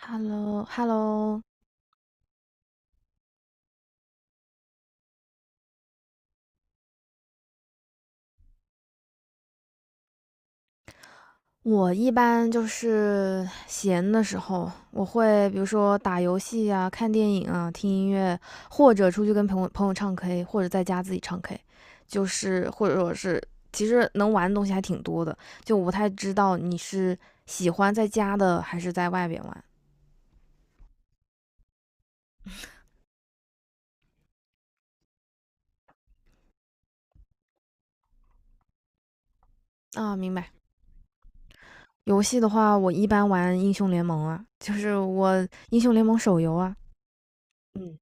Hello，Hello，我一般就是闲的时候，我会比如说打游戏啊、看电影啊、听音乐，或者出去跟朋友唱 K，或者在家自己唱 K，就是或者说是其实能玩的东西还挺多的，就我不太知道你是喜欢在家的还是在外边玩啊。明白。游戏的话，我一般玩英雄联盟啊，就是我英雄联盟手游啊。嗯，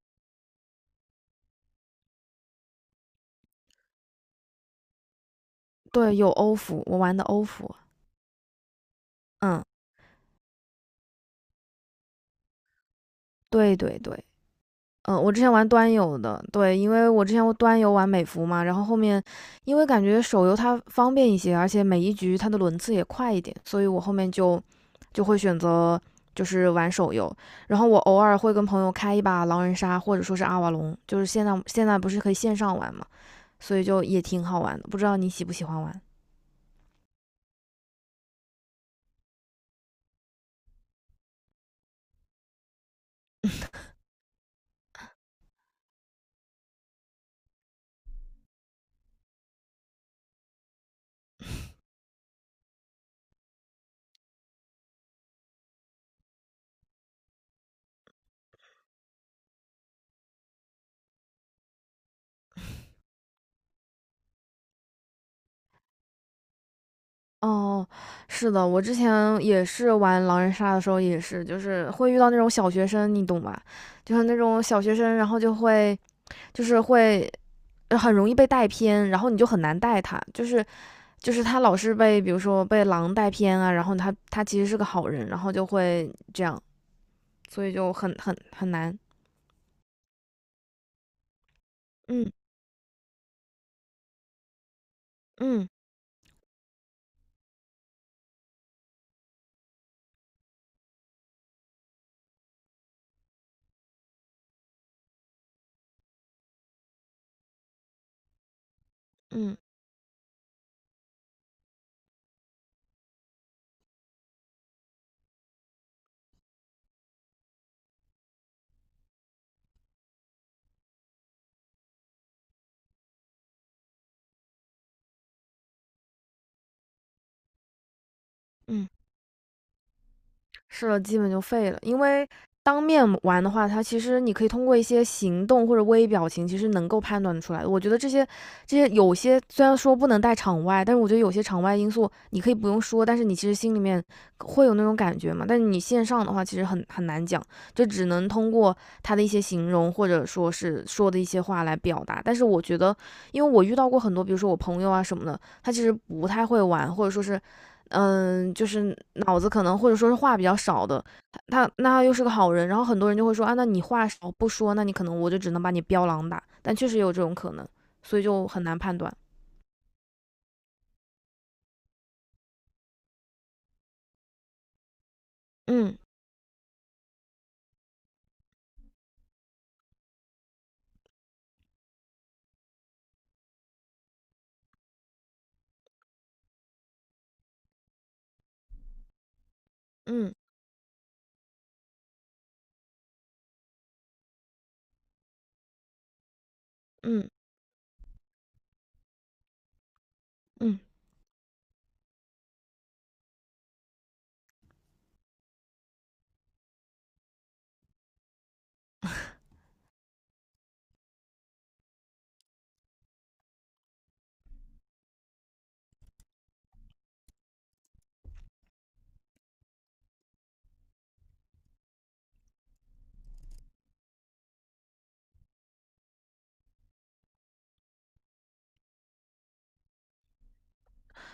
对，有欧服，我玩的欧服。嗯，对对对。嗯，我之前玩端游的，对，因为我之前我端游玩美服嘛，然后后面因为感觉手游它方便一些，而且每一局它的轮次也快一点，所以我后面就会选择就是玩手游，然后我偶尔会跟朋友开一把狼人杀或者说是阿瓦隆，就是现在不是可以线上玩嘛，所以就也挺好玩的，不知道你喜不喜欢玩？哦，是的，我之前也是玩狼人杀的时候，也是就是会遇到那种小学生，你懂吧？就是那种小学生，然后就是会很容易被带偏，然后你就很难带他，就是他老是被比如说被狼带偏啊，然后他其实是个好人，然后就会这样，所以就很难。嗯嗯嗯嗯。是的，基本就废了。因为当面玩的话，它其实你可以通过一些行动或者微表情，其实能够判断出来的。我觉得这些有些虽然说不能带场外，但是我觉得有些场外因素你可以不用说，但是你其实心里面会有那种感觉嘛。但是你线上的话，其实很难讲，就只能通过他的一些形容或者说是说的一些话来表达。但是我觉得，因为我遇到过很多，比如说我朋友啊什么的，他其实不太会玩，或者说是就是脑子可能或者说是话比较少的，那他又是个好人，然后很多人就会说啊，那你话少不说，那你可能我就只能把你标狼打，但确实有这种可能，所以就很难判断。嗯嗯嗯嗯。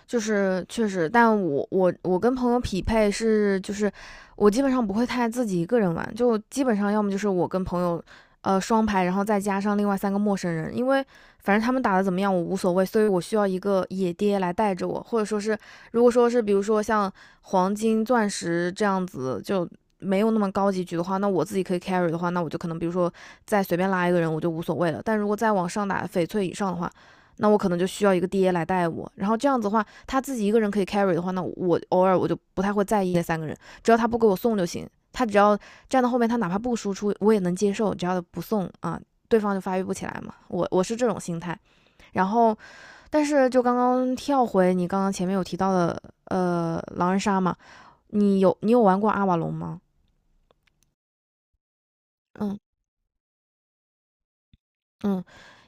就是确实，但我跟朋友匹配是就是我基本上不会太自己一个人玩，就基本上要么就是我跟朋友。双排，然后再加上另外三个陌生人，因为反正他们打的怎么样我无所谓，所以我需要一个野爹来带着我，或者说是，如果说是比如说像黄金、钻石这样子就没有那么高级局的话，那我自己可以 carry 的话，那我就可能比如说再随便拉一个人我就无所谓了，但如果再往上打翡翠以上的话，那我可能就需要一个爹来带我。然后这样子的话，他自己一个人可以 carry 的话，那我偶尔我就不太会在意那三个人，只要他不给我送就行。他只要站到后面，他哪怕不输出，我也能接受，只要不送啊，对方就发育不起来嘛。我是这种心态。然后，但是就刚刚跳回你刚刚前面有提到的，狼人杀嘛，你有玩过阿瓦隆吗？嗯，嗯，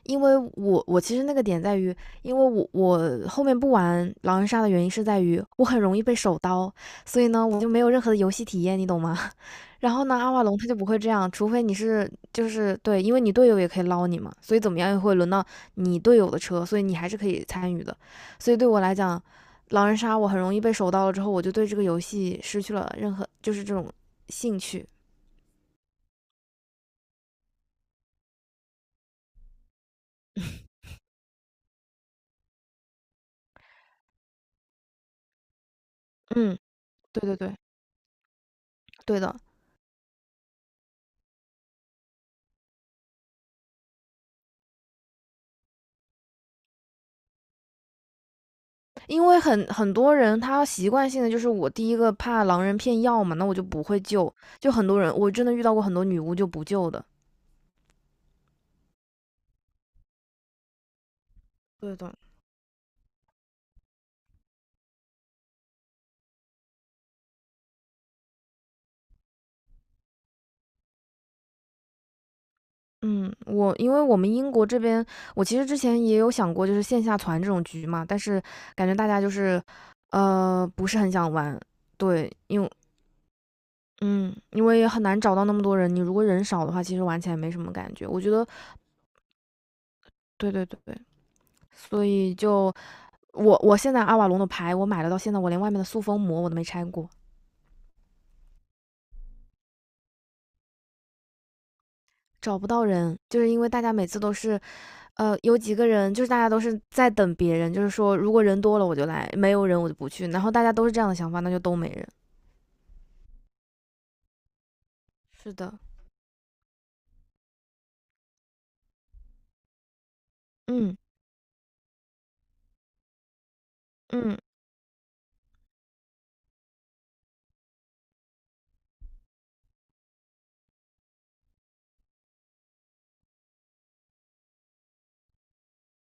因为我其实那个点在于，因为我后面不玩狼人杀的原因是在于我很容易被手刀，所以呢我就没有任何的游戏体验，你懂吗？然后呢阿瓦隆他就不会这样，除非你是就是对，因为你队友也可以捞你嘛，所以怎么样也会轮到你队友的车，所以你还是可以参与的。所以对我来讲，狼人杀我很容易被手刀了之后，我就对这个游戏失去了任何就是这种兴趣。嗯，对对对，对的。因为很多人他习惯性的就是我第一个怕狼人骗药嘛，那我就不会救。就很多人，我真的遇到过很多女巫就不救的。对的，嗯，我因为我们英国这边，我其实之前也有想过就是线下团这种局嘛，但是感觉大家就是不是很想玩。对，因为也很难找到那么多人，你如果人少的话，其实玩起来没什么感觉。我觉得对对对对，所以就我现在阿瓦隆的牌我买了到现在，我连外面的塑封膜我都没拆过。找不到人，就是因为大家每次都是，有几个人，就是大家都是在等别人，就是说如果人多了我就来，没有人我就不去，然后大家都是这样的想法，那就都没人。是的，嗯嗯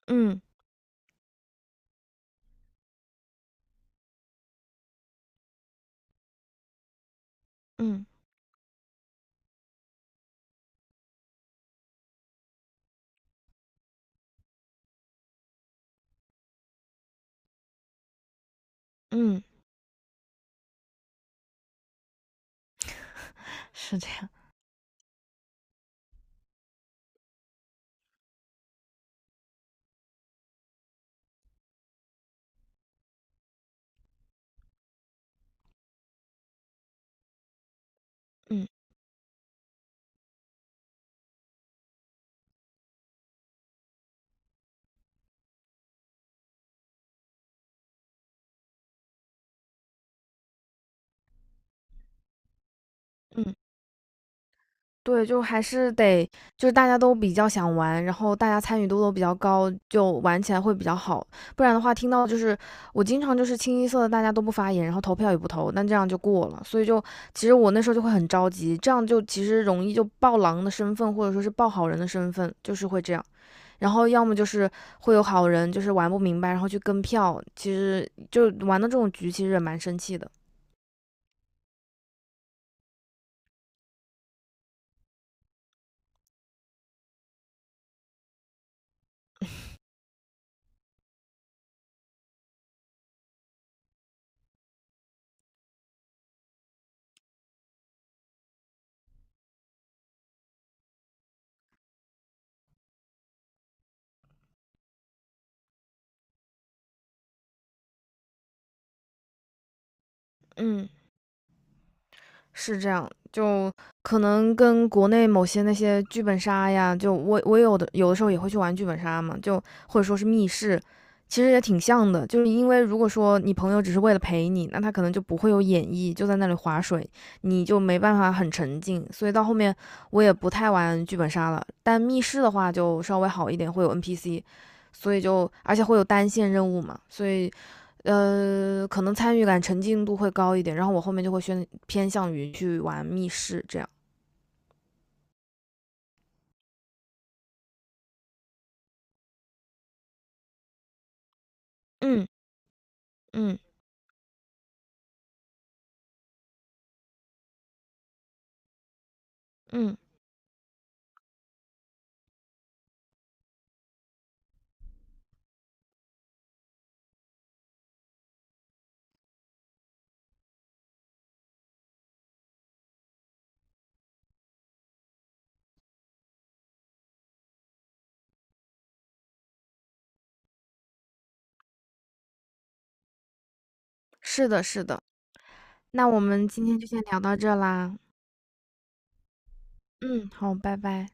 嗯嗯嗯，是这样，嗯嗯。对，就还是得，就是大家都比较想玩，然后大家参与度都比较高，就玩起来会比较好。不然的话，听到就是我经常就是清一色的大家都不发言，然后投票也不投，那这样就过了。所以就其实我那时候就会很着急，这样就其实容易就爆狼的身份，或者说是爆好人的身份，就是会这样。然后要么就是会有好人就是玩不明白，然后去跟票，其实就玩到这种局，其实也蛮生气的。嗯。是这样，就可能跟国内某些那些剧本杀呀，就我有的时候也会去玩剧本杀嘛，就或者说是密室，其实也挺像的。就是因为如果说你朋友只是为了陪你，那他可能就不会有演绎，就在那里划水，你就没办法很沉浸。所以到后面我也不太玩剧本杀了，但密室的话就稍微好一点，会有 NPC，所以就而且会有单线任务嘛，所以可能参与感、沉浸度会高一点，然后我后面就会偏向于去玩密室这样。嗯嗯嗯，是的，是的。那我们今天就先聊到这啦。嗯，好，拜拜。